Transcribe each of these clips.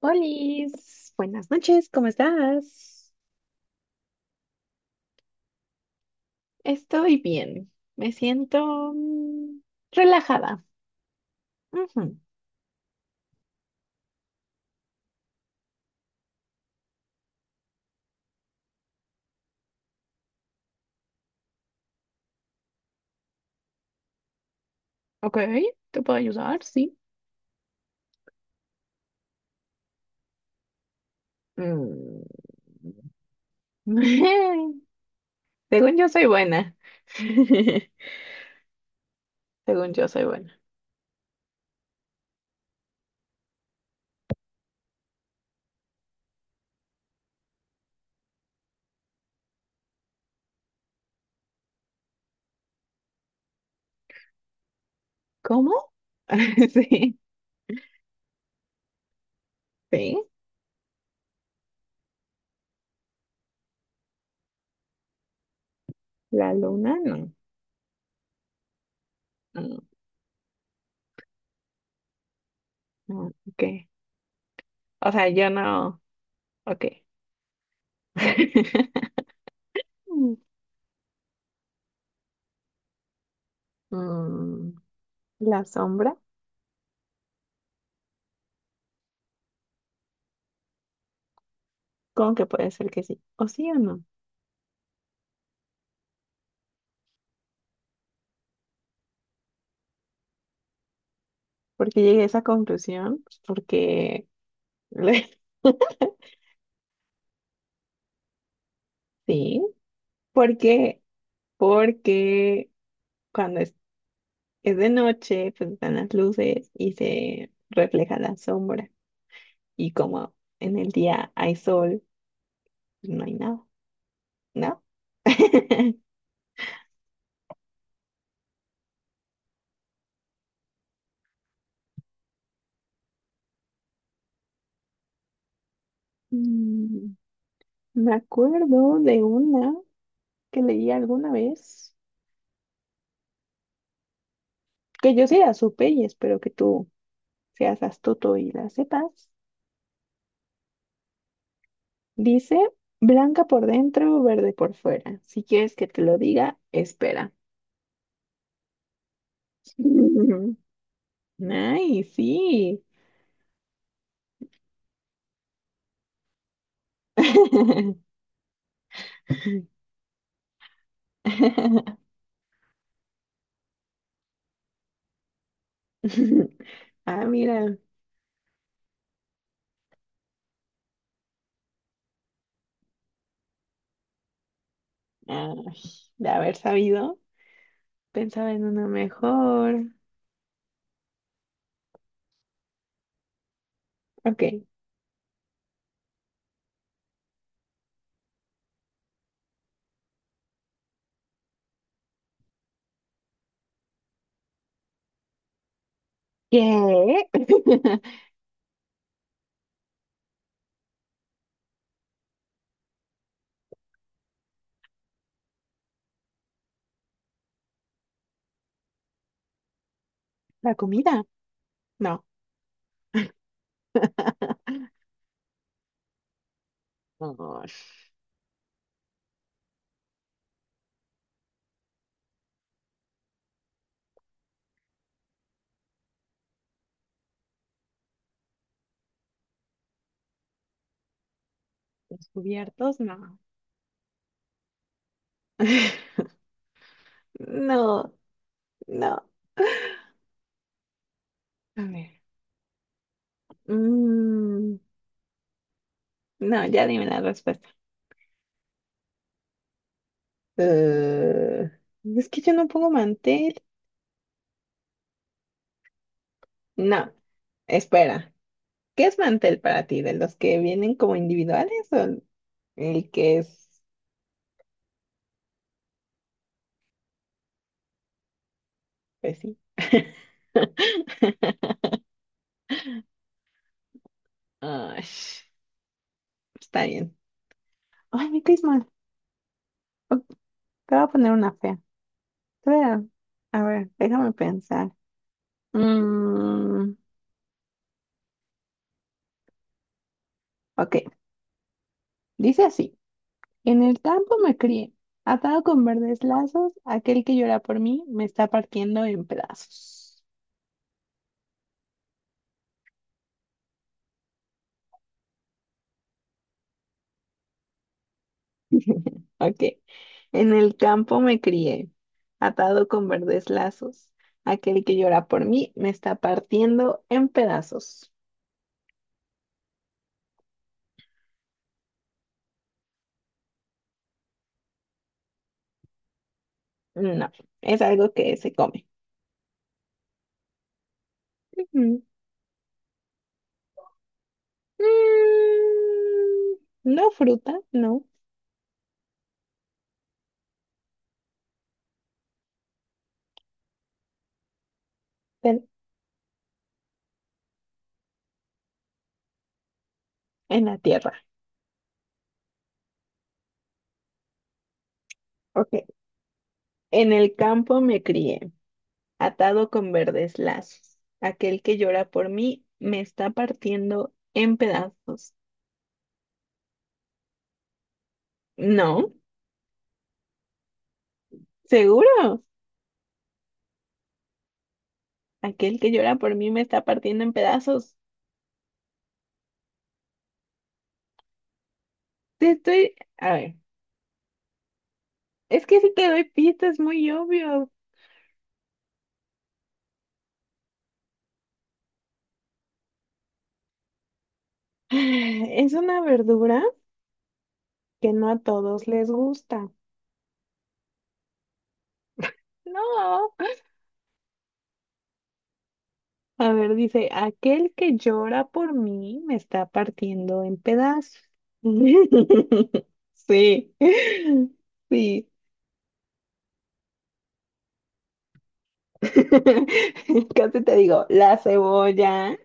Olis, buenas noches, ¿cómo estás? Estoy bien. Me siento relajada. Ujú. Ok, te puedo ayudar, sí. Mm. Según yo soy buena. Según yo soy buena. ¿Cómo? Sí, sí. La luna no. Mm, no, ok. O sea, yo no. Ok. Mm, La sombra. ¿Cómo que puede ser que sí? ¿O sí o no? Porque llegué a esa conclusión, pues, porque sí, porque porque cuando es de noche, pues están las luces y se refleja la sombra, y como en el día hay sol, pues no hay nada, ¿no? Mm, Me acuerdo de una que leí alguna vez, que yo sí la supe y espero que tú seas astuto y la sepas. Dice, blanca por dentro, verde por fuera. Si quieres que te lo diga, espera. Ay, sí. Ah, mira. Ay, de haber sabido, pensaba en una mejor. Ok. ¿Qué? ¿La comida? No. No. ¿Los cubiertos? No. No, no. A ver. Mm, no, ya dime la respuesta. Eh, es que yo no pongo mantel. No, espera. ¿Qué es mantel para ti? ¿De los que vienen como individuales o el que es, pues sí? Ay, está bien. Ay, me caes mal. Ok, te voy a poner una fea. Espera, a ver, déjame pensar. Mm, ok, dice así. En el campo me crié, atado con verdes lazos, aquel que llora por mí me está partiendo en pedazos. Ok. En el campo me crié, atado con verdes lazos. Aquel que llora por mí me está partiendo en pedazos. No, es algo que se come. Mm, mm, No fruta, no, pero en la tierra. Ok. En el campo me crié, atado con verdes lazos. Aquel que llora por mí me está partiendo en pedazos. No, seguro. Aquel que llora por mí me está partiendo en pedazos. A ver, es que si te doy pistas, es muy obvio. Es una verdura que no a todos les gusta. No. A ver, dice, aquel que llora por mí me está partiendo en pedazos. Sí, sí. Casi te digo, la cebolla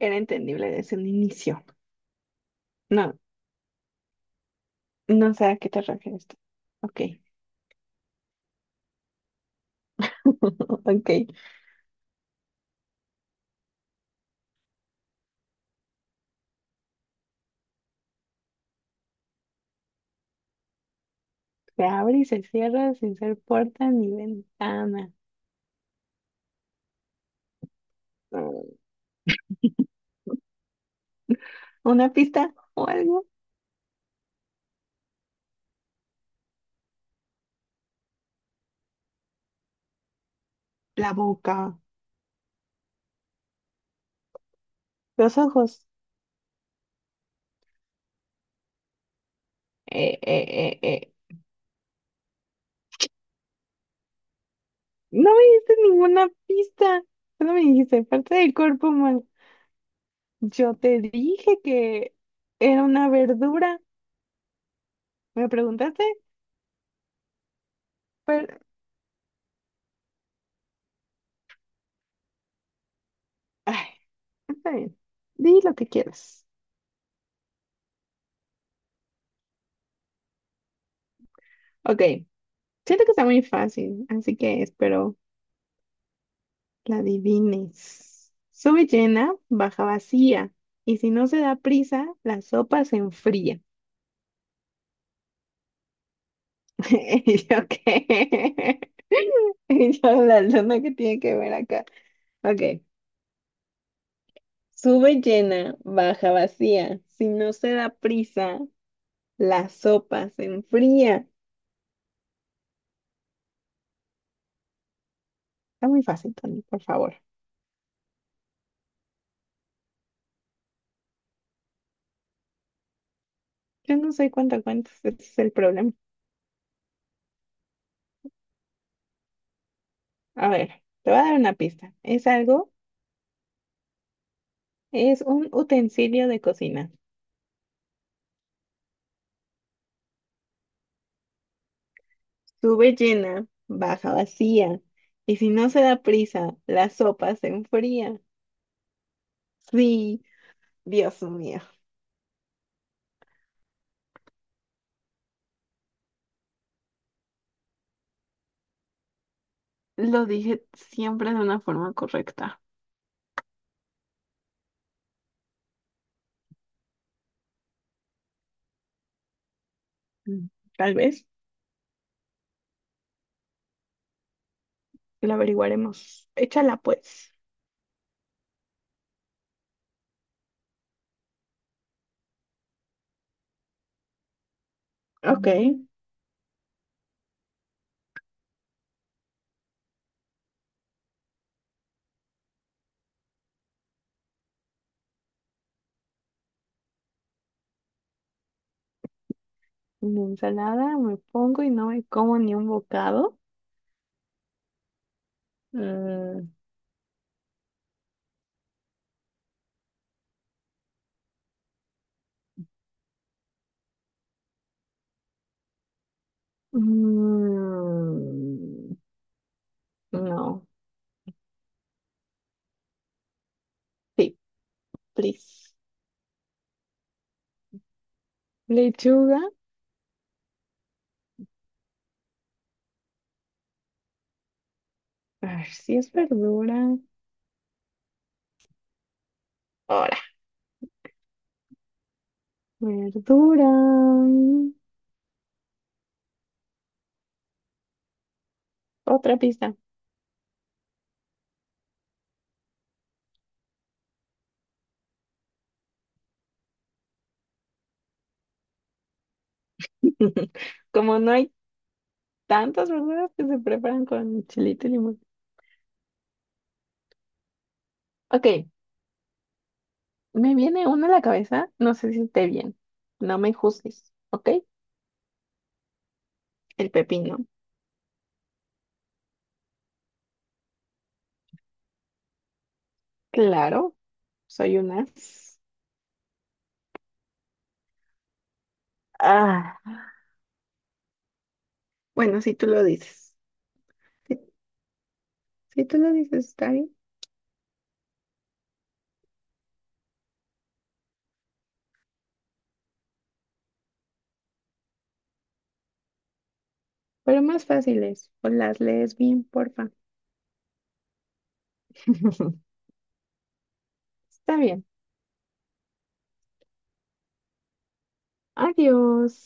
era entendible desde un inicio. No, no sé a qué te refieres tú. Ok. Ok. Se abre y se cierra sin ser puerta ni ventana. Mm, ¿Una pista o algo? La boca, los ojos. ¡Eh, eh! No me diste ninguna pista. Solo me dijiste parte del cuerpo humano. Yo te dije que era una verdura. ¿Me preguntaste? Pero, ay, está bien. Di lo que quieras. Ok. Siento que está muy fácil, así que espero la adivines. Sube llena, baja vacía. Y si no se da prisa, la sopa se enfría. ¿Y yo qué? ¿Y yo la luna que tiene que ver acá? Ok. Sube llena, baja vacía. Si no se da prisa, la sopa se enfría. Está muy fácil, Tony, por favor. Yo no sé cuánto cuentas, ese es el problema. A ver, te voy a dar una pista. Es un utensilio de cocina. Sube llena, baja vacía, y si no se da prisa, la sopa se enfría. Sí, Dios mío. Lo dije siempre de una forma correcta. Mm, Tal vez lo averiguaremos. Échala pues. Ok. Una ensalada me pongo y no me como ni un bocado. Mm, mm, no. Sí, please. Lechuga. A ver si es verdura. Ahora. Verdura. Otra pista. Como no hay tantas verduras que se preparan con chilito y limón. Ok, me viene una a la cabeza, no sé si esté bien. No me juzgues, ¿ok? El pepino. Claro, soy una. As. Ah, bueno, si tú lo dices. Si, si tú lo dices, está bien. Pero más fácil es, o las lees bien, porfa. Está bien. Adiós.